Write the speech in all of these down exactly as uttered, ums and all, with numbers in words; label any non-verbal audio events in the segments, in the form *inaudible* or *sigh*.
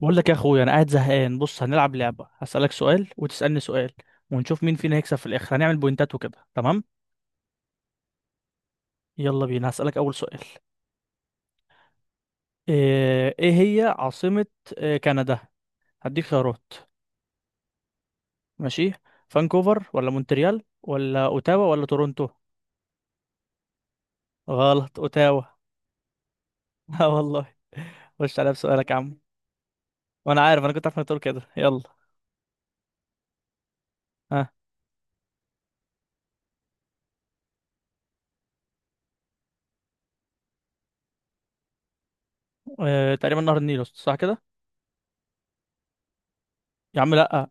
بقول لك يا اخويا، انا قاعد زهقان. بص، هنلعب لعبة. هسألك سؤال وتسألني سؤال ونشوف مين فينا هيكسب في الاخر. هنعمل بوينتات وكده، تمام؟ يلا بينا، هسألك اول سؤال. ايه إيه هي عاصمة آه، كندا؟ هديك خيارات. ماشي. فانكوفر ولا مونتريال ولا اوتاوا ولا تورونتو؟ غلط، اوتاوا. *laughs* اه والله. خش عليا بسؤالك يا عم. وانا عارف، انا كنت عارف انك تقول كده. يلا. ها. آه. تقريبا نهر النيل، صح كده؟ يا عم لا.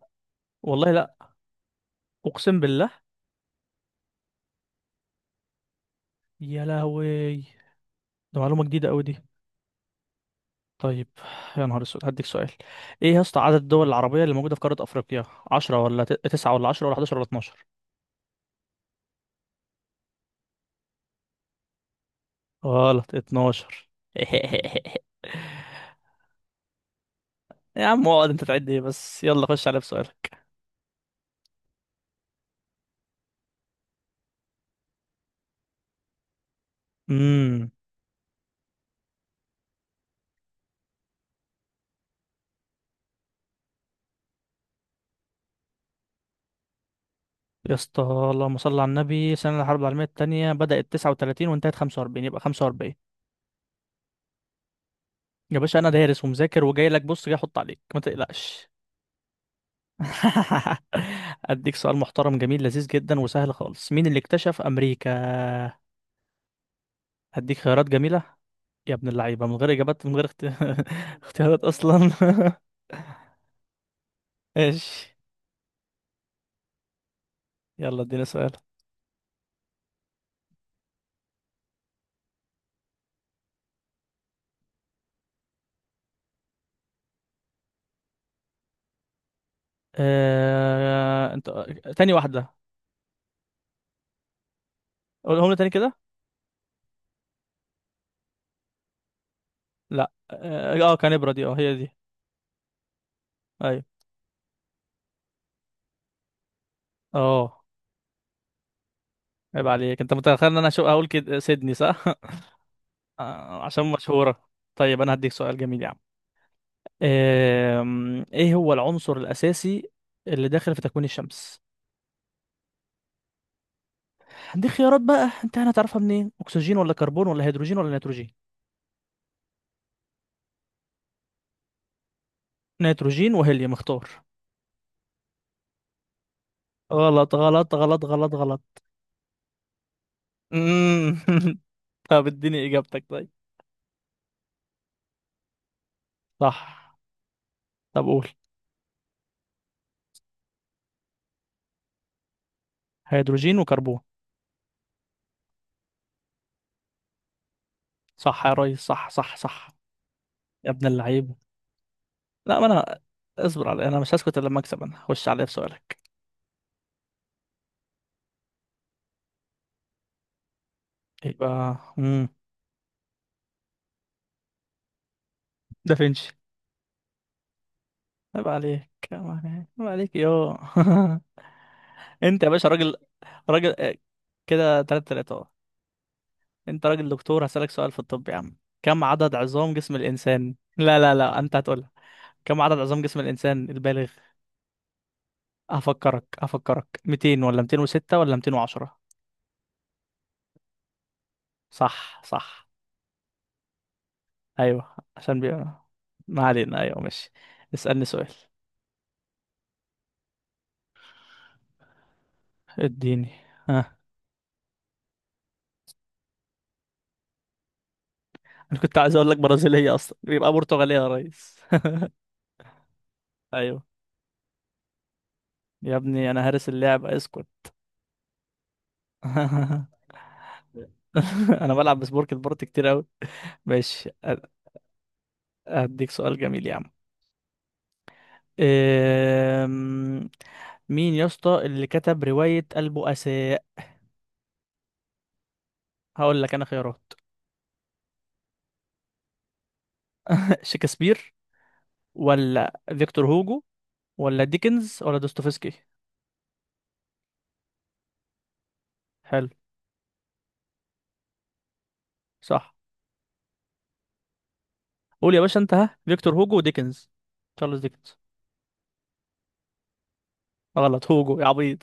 والله لا. اقسم بالله. يا لهوي، ده معلومة جديدة قوي دي. طيب. يا نهار اسود، هديك سؤال. ايه يا اسطى عدد الدول العربية اللي موجودة في قارة افريقيا؟ عشرة ولا ت- تسعة ولا عشرة ولا احداشر ولا اتناشر؟ غلط، اتناشر. *laughs* يا عم اقعد، انت تعد ايه بس؟ يلا، خش على بسؤالك. امم يا اسطى، اللهم صل على النبي، سنة الحرب العالمية التانية بدأت تسعة وتلاتين وانتهت خمسة واربعين، يبقى خمسة واربعين. يا باشا، انا دارس ومذاكر وجاي لك. بص، جاي احط عليك، ما تقلقش. *laughs* اديك سؤال محترم جميل لذيذ جدا وسهل خالص. مين اللي اكتشف امريكا؟ هديك خيارات جميلة؟ يا ابن اللعيبة، من غير إجابات. من غير اخت... *laughs* اختيارات أصلا. *laughs* ايش؟ يلا، اديني سؤال. آه... انت. تاني واحدة. قولهم لي تاني كده. لا، اه، آه، كان ابرة دي، اه هي دي. ايوه، اه. عيب عليك، انت متخيل ان انا شو اقول كده، سيدني صح. *laughs* آه، عشان مشهورة. طيب، انا هديك سؤال جميل يا عم. آم، ايه هو العنصر الاساسي اللي داخل في تكوين الشمس؟ دي خيارات بقى، انت هتعرفها منين؟ اكسجين ولا كربون ولا هيدروجين ولا نيتروجين؟ نيتروجين وهيليوم، اختار. غلط، غلط، غلط، غلط، غلط. مم. *laughs* طب اديني اجابتك. طيب. صح. طب قول. هيدروجين وكربون. صح يا ريس، صح صح صح. يا ابن اللعيبة. لا ما انا. اصبر علي، انا مش هسكت الا لما اكسب. انا هخش عليه بسؤالك. يبقى امم دافنشي. عيب عليك، عيب عليك، عيب عليك، يو. *laughs* انت يا باشا راجل. راجل، آه، كده تلاتة تلاتة اهو. انت راجل دكتور، هسألك سؤال في الطب يا عم. كم عدد عظام جسم الانسان؟ لا لا لا، انت هتقولها. كم عدد عظام جسم الإنسان البالغ؟ هفكرك، هفكرك، ميتين ولا ميتين وستة ولا ميتين وعشرة؟ صح صح. أيوه، عشان بي... ما علينا. أيوه ماشي. اسألني سؤال. اديني. ها. أنا كنت عايز أقول لك برازيلية، أصلا يبقى برتغالية يا ريس. *laughs* أيوه. يا ابني، أنا هارس اللعب، اسكت. *laughs* أنا بلعب بسبورك البورت كتير أوي. ماشي، أ- أديك سؤال جميل يا عم. أم، مين يا اسطى اللي كتب رواية البؤساء؟ هقول لك انا خيارات. *laughs* شكسبير ولا فيكتور هوجو ولا ديكنز ولا دوستويفسكي؟ حلو. صح. قول يا باشا انت. ها. فيكتور هوجو وديكنز. تشارلز ديكنز؟ غلط، هوجو يا عبيط.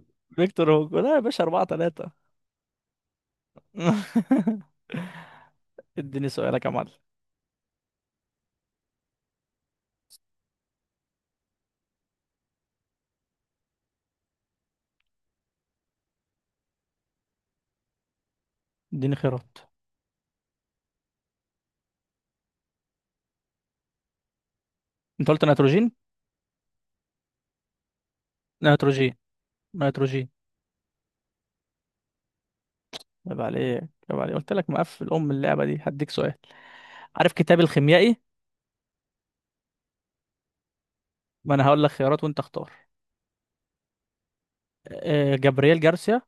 *laughs* فيكتور هوجو. لا يا باشا، أربعة تلاتة. *laughs* اديني سؤالك يا معلم. اديني خيارات. انت قلت نيتروجين، نيتروجين، نيتروجين. عيب عليك، عيب عليك. قلت لك مقفل ام اللعبة دي. هديك سؤال. عارف كتاب الخيميائي؟ ما انا هقول لك خيارات وانت اختار. آه، جابرييل جارسيا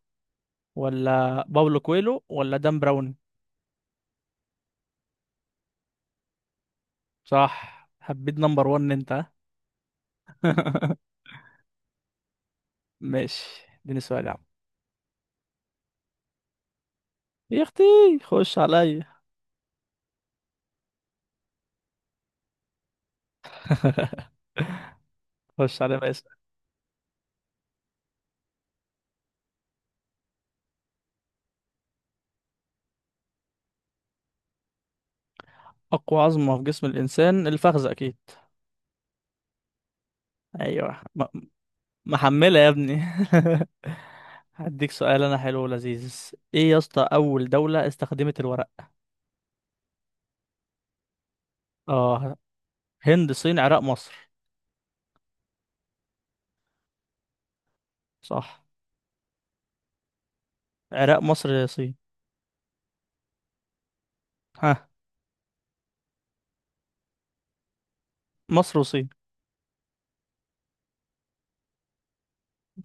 ولا باولو كويلو ولا دان براون؟ صح، حبيت نمبر وان انت، ها؟ *laughs* ماشي، اديني سؤال يا عم. يا اختي، خش عليا. *laughs* خش عليا بقى، اسأل. اقوى عظمة في جسم الانسان الفخذ، اكيد. ايوه، م محملة يا ابني. *laughs* هديك سؤال انا، حلو ولذيذ. ايه يا اسطى اول دولة استخدمت الورق؟ اه هند، صين، عراق، مصر؟ صح. عراق، مصر، صين. ها. مصر وصين.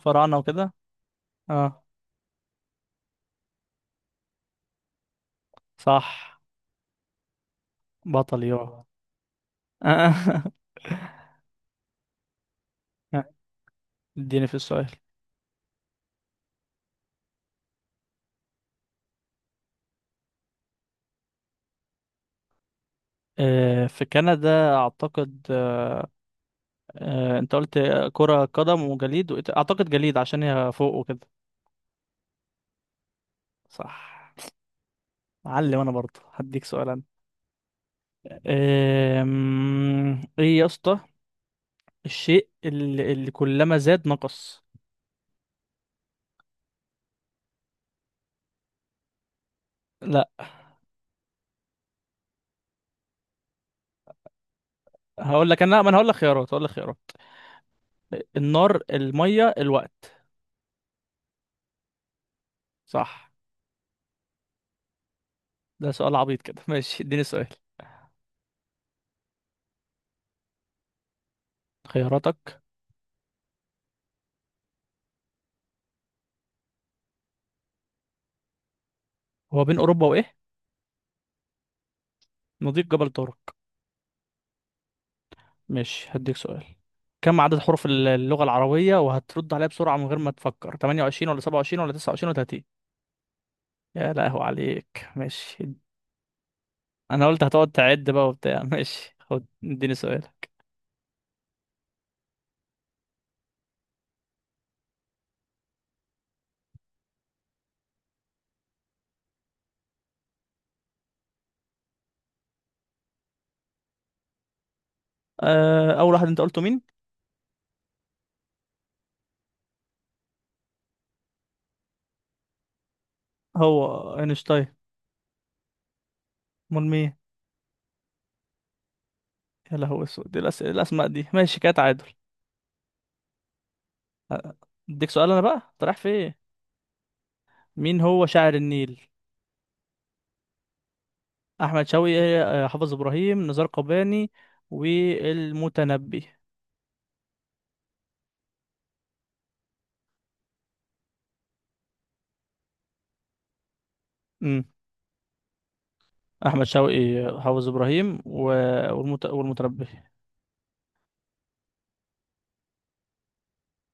فراعنة وكده. اه، صح. بطل، يو. *laughs* اديني في السؤال. آه، في كندا اعتقد، آه، انت قلت كرة قدم وجليد وإيه تا- اعتقد جليد، عشان هي فوق وكده. صح. علم انا برضه. هديك سؤال انا. آم، ايه يا اسطى الشيء اللي, اللي كلما زاد نقص؟ لا. هقول لك انا، ما انا هقول لك خيارات، هقول لك خيارات. النار، المية، الوقت؟ صح. ده سؤال عبيط كده. *laughs* ماشي، اديني سؤال. خياراتك؟ هو بين اوروبا وايه؟ مضيق جبل طارق. ماشي، هديك سؤال. كم عدد حروف الل- اللغة العربية، وهترد عليها بسرعة من غير ما تفكر؟ تمنية وعشرين ولا سبعة وعشرين ولا تسعة وعشرين ولا تلاتين؟ يا لهو عليك، ماشي. انا قلت هتقعد تعد بقى وبتاع. *laughs* ماشي، خد، اديني سؤالك. أه اول واحد انت قلته مين؟ هو اينشتاين؟ امال مين؟ يا لهو اسود، دي الأس... الاسماء دي. ماشي، كده تعادل. اديك سؤال انا بقى، انت رايح في ايه؟ مين هو شاعر النيل؟ احمد شوقي، آه، حافظ ابراهيم، نزار قباني، والمتنبي؟ احمد شوقي، حافظ ابراهيم، و... والمت... والمتنبي.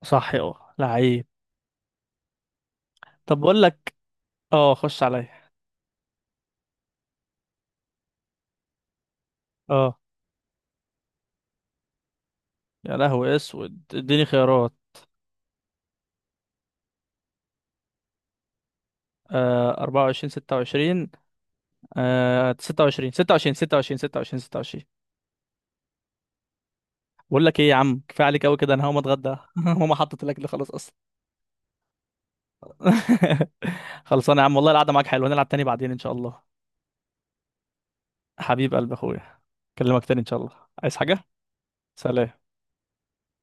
صح، اه، لعيب. طب بقول لك، اه خش عليا. اه يا لهوي اسود، اديني خيارات. آه اربعة وعشرين، ستة وعشرين، آه ستة وعشرين، ستة وعشرين، ستة وعشرين، ستة وعشرين، ستة وعشرين. بقول لك ايه يا عم، كفايه عليك قوي كده، انا هقوم اتغدى. *laughs* ماما حطت الاكل خلاص اصلا. *laughs* خلصانه يا عم والله. القعده معاك حلوه، نلعب تاني بعدين ان شاء الله. حبيب قلب اخويا، اكلمك تاني ان شاء الله. عايز حاجه؟ سلام.